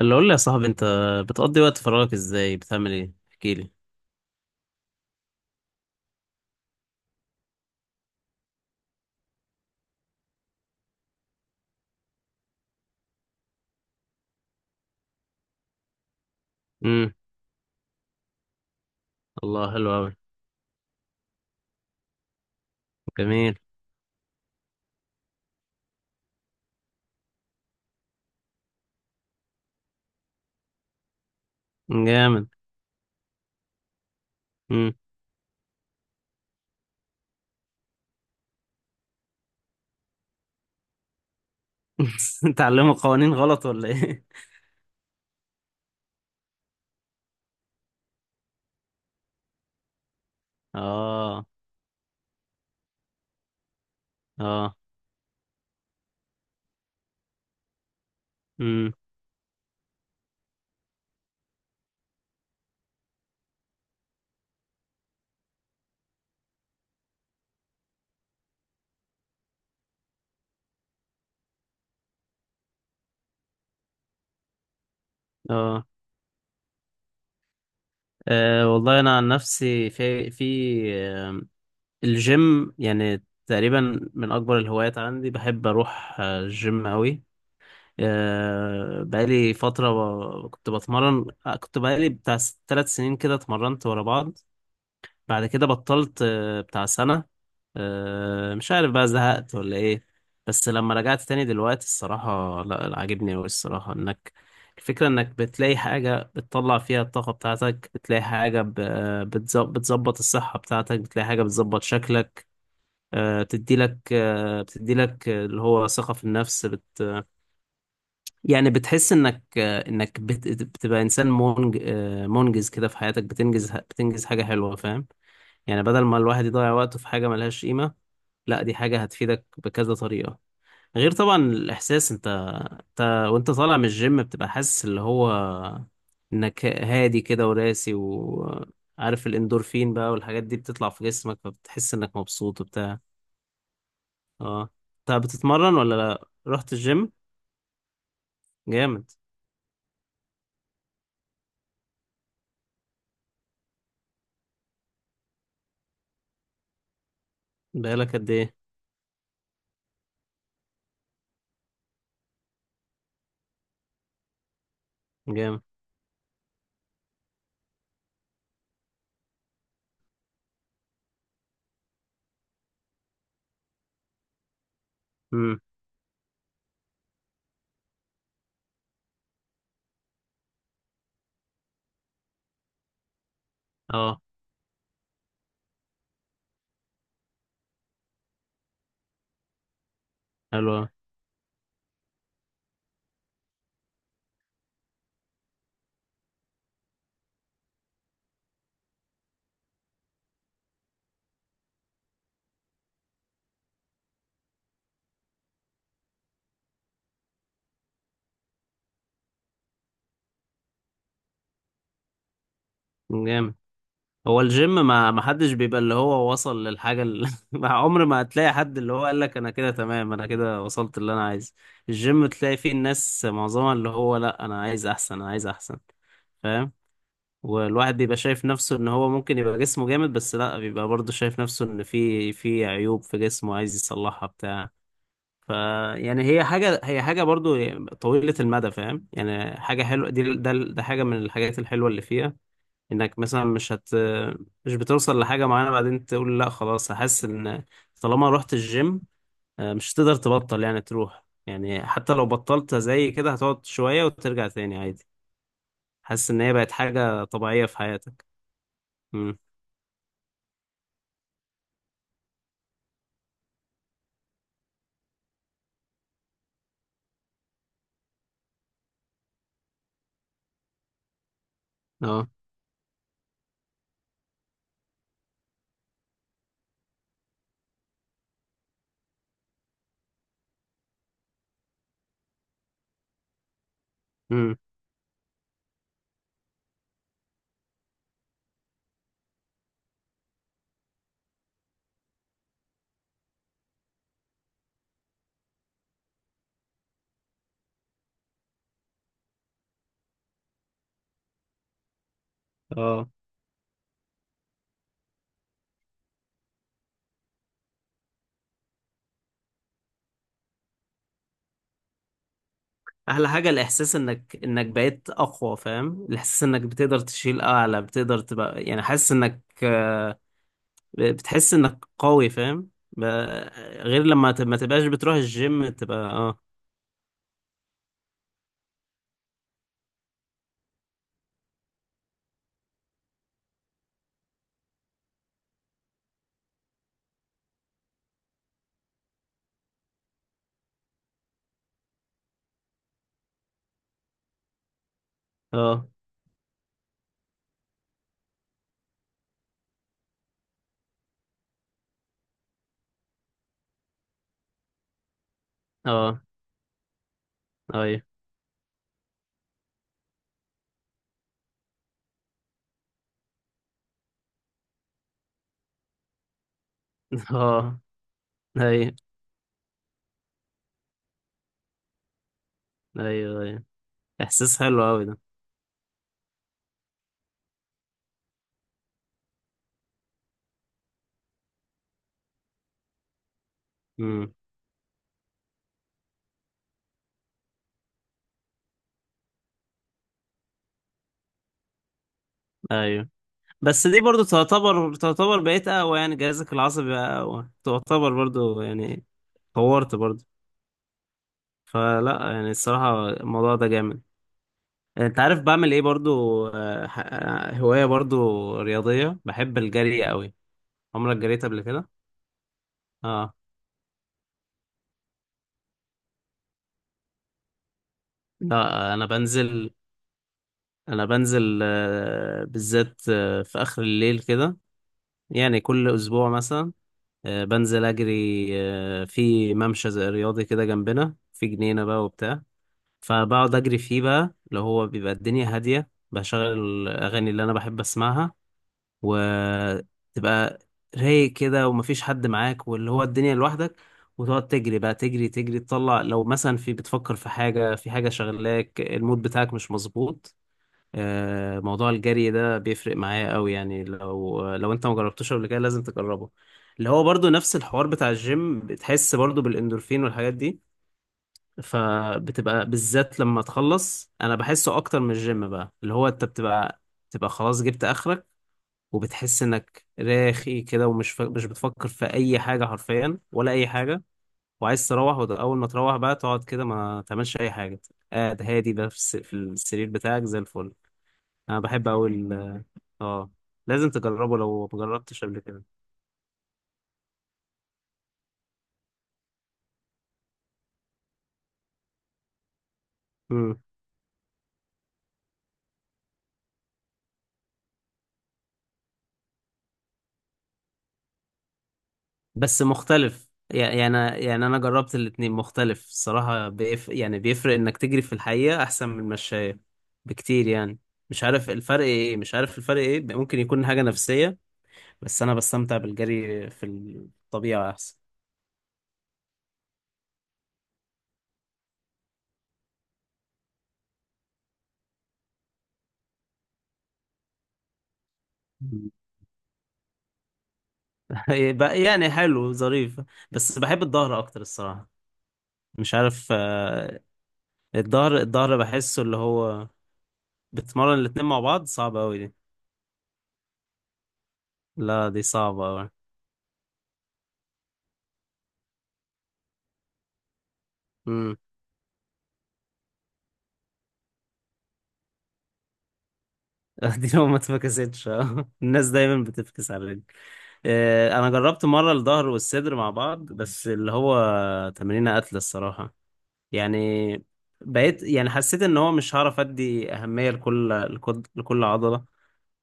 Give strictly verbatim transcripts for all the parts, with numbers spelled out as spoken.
اللي قول لي يا صاحبي انت بتقضي وقت فراغك ازاي؟ بتعمل ايه؟ احكي لي. امم الله، حلو قوي. جميل. جامد. امم تعلموا قوانين غلط ولا ايه؟ اه. اه. امم اه. آه، والله انا عن نفسي في في آه، الجيم، يعني تقريبا من اكبر الهوايات عندي. بحب اروح آه، الجيم قوي. آه، بقالي فترة، ب- كنت بتمرن آه، كنت بقالي بتاع ثلاث سنين كده، اتمرنت ورا بعض. بعد كده بطلت آه، بتاع سنة. آه، مش عارف بقى زهقت ولا ايه. بس لما رجعت تاني دلوقتي الصراحة، لا لا، عاجبني أوي الصراحة. انك، الفكرة انك بتلاقي حاجة بتطلع فيها الطاقة بتاعتك، بتلاقي حاجة ب- بتز- بتظبط الصحة بتاعتك، بتلاقي حاجة بتظبط شكلك، آه، بتديلك آه، بتديلك اللي هو ثقة في النفس. بت، يعني بتحس انك آه، انك بت- بتبقى انسان منج- آه، منجز كده في حياتك، بتنجز، بتنجز حاجة حلوة، فاهم؟ يعني بدل ما الواحد يضيع وقته في حاجة ملهاش قيمة، لا دي حاجة هتفيدك بكذا طريقة. غير طبعا الإحساس، انت، انت وانت طالع من الجيم بتبقى حاسس اللي هو انك هادي كده، وراسي، وعارف الاندورفين بقى والحاجات دي بتطلع في جسمك، فبتحس انك مبسوط وبتاع. اه. انت بتتمرن ولا لا؟ رحت الجيم؟ جامد. بقالك قد ايه؟ جامد. امم. اه. حلو أوي. جامد. هو الجيم، ما ما حدش بيبقى اللي هو وصل للحاجة اللي مع عمر ما هتلاقي حد اللي هو قال لك انا كده تمام، انا كده وصلت اللي انا عايزه. الجيم تلاقي فيه الناس معظمها اللي هو، لا انا عايز احسن، انا عايز احسن، فاهم؟ والواحد بيبقى شايف نفسه ان هو ممكن يبقى جسمه جامد، بس لا بيبقى برضه شايف نفسه ان في في عيوب في جسمه عايز يصلحها بتاع ف، يعني هي حاجة، هي حاجة برضه طويلة المدى، فاهم؟ يعني حاجة حلوة، دي ده ده حاجة من الحاجات الحلوة اللي فيها، انك مثلا مش هت، مش بتوصل لحاجة معينة بعدين تقول لا خلاص هحس ان، طالما رحت الجيم آه، مش هتقدر تبطل يعني تروح. يعني حتى لو بطلت زي كده هتقعد شوية وترجع تاني عادي. حاسس ان هي بقت حاجة طبيعية في حياتك. امم. اه. امم. اه. احلى حاجة الاحساس انك، انك بقيت اقوى، فاهم؟ الاحساس انك بتقدر تشيل اعلى، بتقدر تبقى يعني حاسس انك آه، بتحس انك قوي، فاهم؟ ب-، غير لما ت- ما تبقاش بتروح الجيم تبقى اه. اه. اه. ايوه. اه. ايوه، ايوه، ايوه، احساس حلو قوي ده. امم. ايوه. بس دي برضو تعتبر، تعتبر بقيت اقوى، يعني جهازك العصبي بقى اقوى تعتبر برضو يعني، طورت برضو. فلا يعني الصراحة الموضوع ده جامد. انت عارف بعمل ايه برضو؟ آه، ح- آه، هواية برضو رياضية، بحب الجري قوي. عمرك جريت قبل كده؟ اه. لا، انا بنزل انا بنزل آه، بالذات آه، في اخر الليل كده، يعني كل اسبوع مثلا آه، بنزل اجري آه، في ممشى زي رياضي كده جنبنا في جنينه بقى وبتاع. فبقعد اجري فيه بقى، اللي هو بيبقى الدنيا هاديه، بشغل الاغاني اللي انا بحب اسمعها، وتبقى رايق كده، ومفيش حد معاك، واللي هو الدنيا لوحدك، وتقعد تجري بقى، تجري تجري تطلع لو مثلا في بتفكر في حاجه، في حاجه شغلاك المود بتاعك مش مظبوط. آه، موضوع الجري ده بيفرق معايا قوي يعني. لو لو انت ما جربتوش قبل كده لازم تجربه. اللي هو برضو نفس الحوار بتاع الجيم، بتحس برضو بالاندورفين والحاجات دي، فبتبقى بالذات لما تخلص، انا بحسه اكتر من الجيم بقى. اللي هو انت بتبقى بتبقى خلاص جبت اخرك، وبتحس انك راخي كده، ومش ف... مش بتفكر في اي حاجة حرفيا ولا اي حاجة. وعايز تروح، واول ما تروح بقى تقعد كده ما تعملش اي حاجة، قاعد هادي بقى في الس- في السرير بتاعك زي الفل. انا بحب قوي. اه. لازم تجربه لو مجربتش قبل كده. مم. بس مختلف يعني، يعني، يعني انا جربت الاتنين مختلف الصراحة. بيف... يعني بيفرق انك تجري في الحقيقة، احسن من المشاية بكتير يعني. مش عارف الفرق ايه، مش عارف الفرق ايه، ممكن يكون حاجة نفسية، بس انا بستمتع بالجري في الطبيعة احسن. مم. بقى، يعني حلو ظريف. بس بحب الظهر اكتر الصراحة، مش عارف. آه، الظهر، الظهر بحسه اللي هو، بتمرن الاتنين مع بعض؟ صعب قوي. لا دي صعبة أوي. مم. دي لو ما اتفكستش. آه. الناس دايما بتفكس على الرجل. آه، أنا جربت مرة الظهر والصدر مع بعض، بس اللي هو تمرينة قتل الصراحة يعني. بقيت يعني حسيت إن هو مش هعرف أدي أهمية لكل لكل لكل عضلة.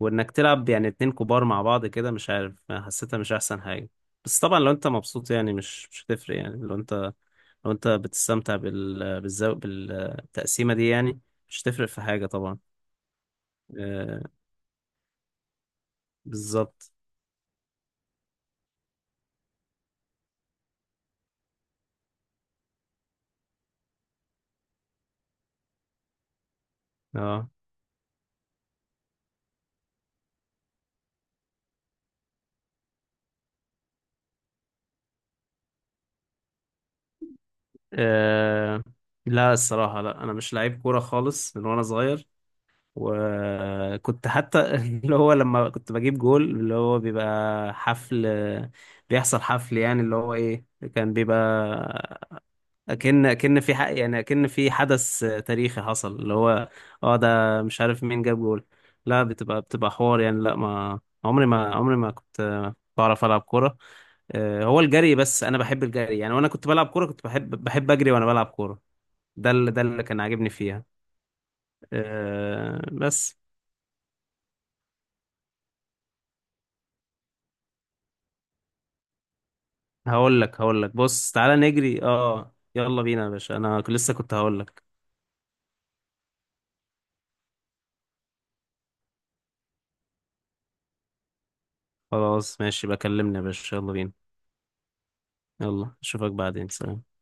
وإنك تلعب يعني اتنين كبار مع بعض كده، مش عارف حسيتها مش أحسن حاجة. بس طبعا لو أنت مبسوط، يعني مش مش هتفرق، يعني لو أنت، لو أنت بتستمتع بال بالزو، بالتقسيمة دي يعني، مش هتفرق في حاجة طبعا. آه. بالظبط. اه. آه، لا الصراحة لا، أنا مش لعيب كورة خالص من وأنا صغير. وكنت حتى اللي هو لما كنت بجيب جول اللي هو بيبقى حفل، بيحصل حفل، يعني اللي هو إيه، كان بيبقى، أكن أكن في حق، يعني أكن في حدث تاريخي حصل اللي هو، اه ده مش عارف مين جاب جول. لا بتبقى، بتبقى حوار يعني، لا ما عمري، ما عمري ما كنت بعرف ألعب كورة. آه، هو الجري بس، انا بحب الجري يعني، وانا كنت بلعب كوره كنت بحب، بحب اجري وانا بلعب كوره، ده اللي، ده اللي كان عاجبني فيها. أه بس. هقول لك، هقول لك بص، تعالى نجري، اه يلا بينا يا باشا، انا لسه كنت هقول لك. خلاص ماشي، بكلمني يا باشا، يلا بينا. يلا اشوفك بعدين، سلام.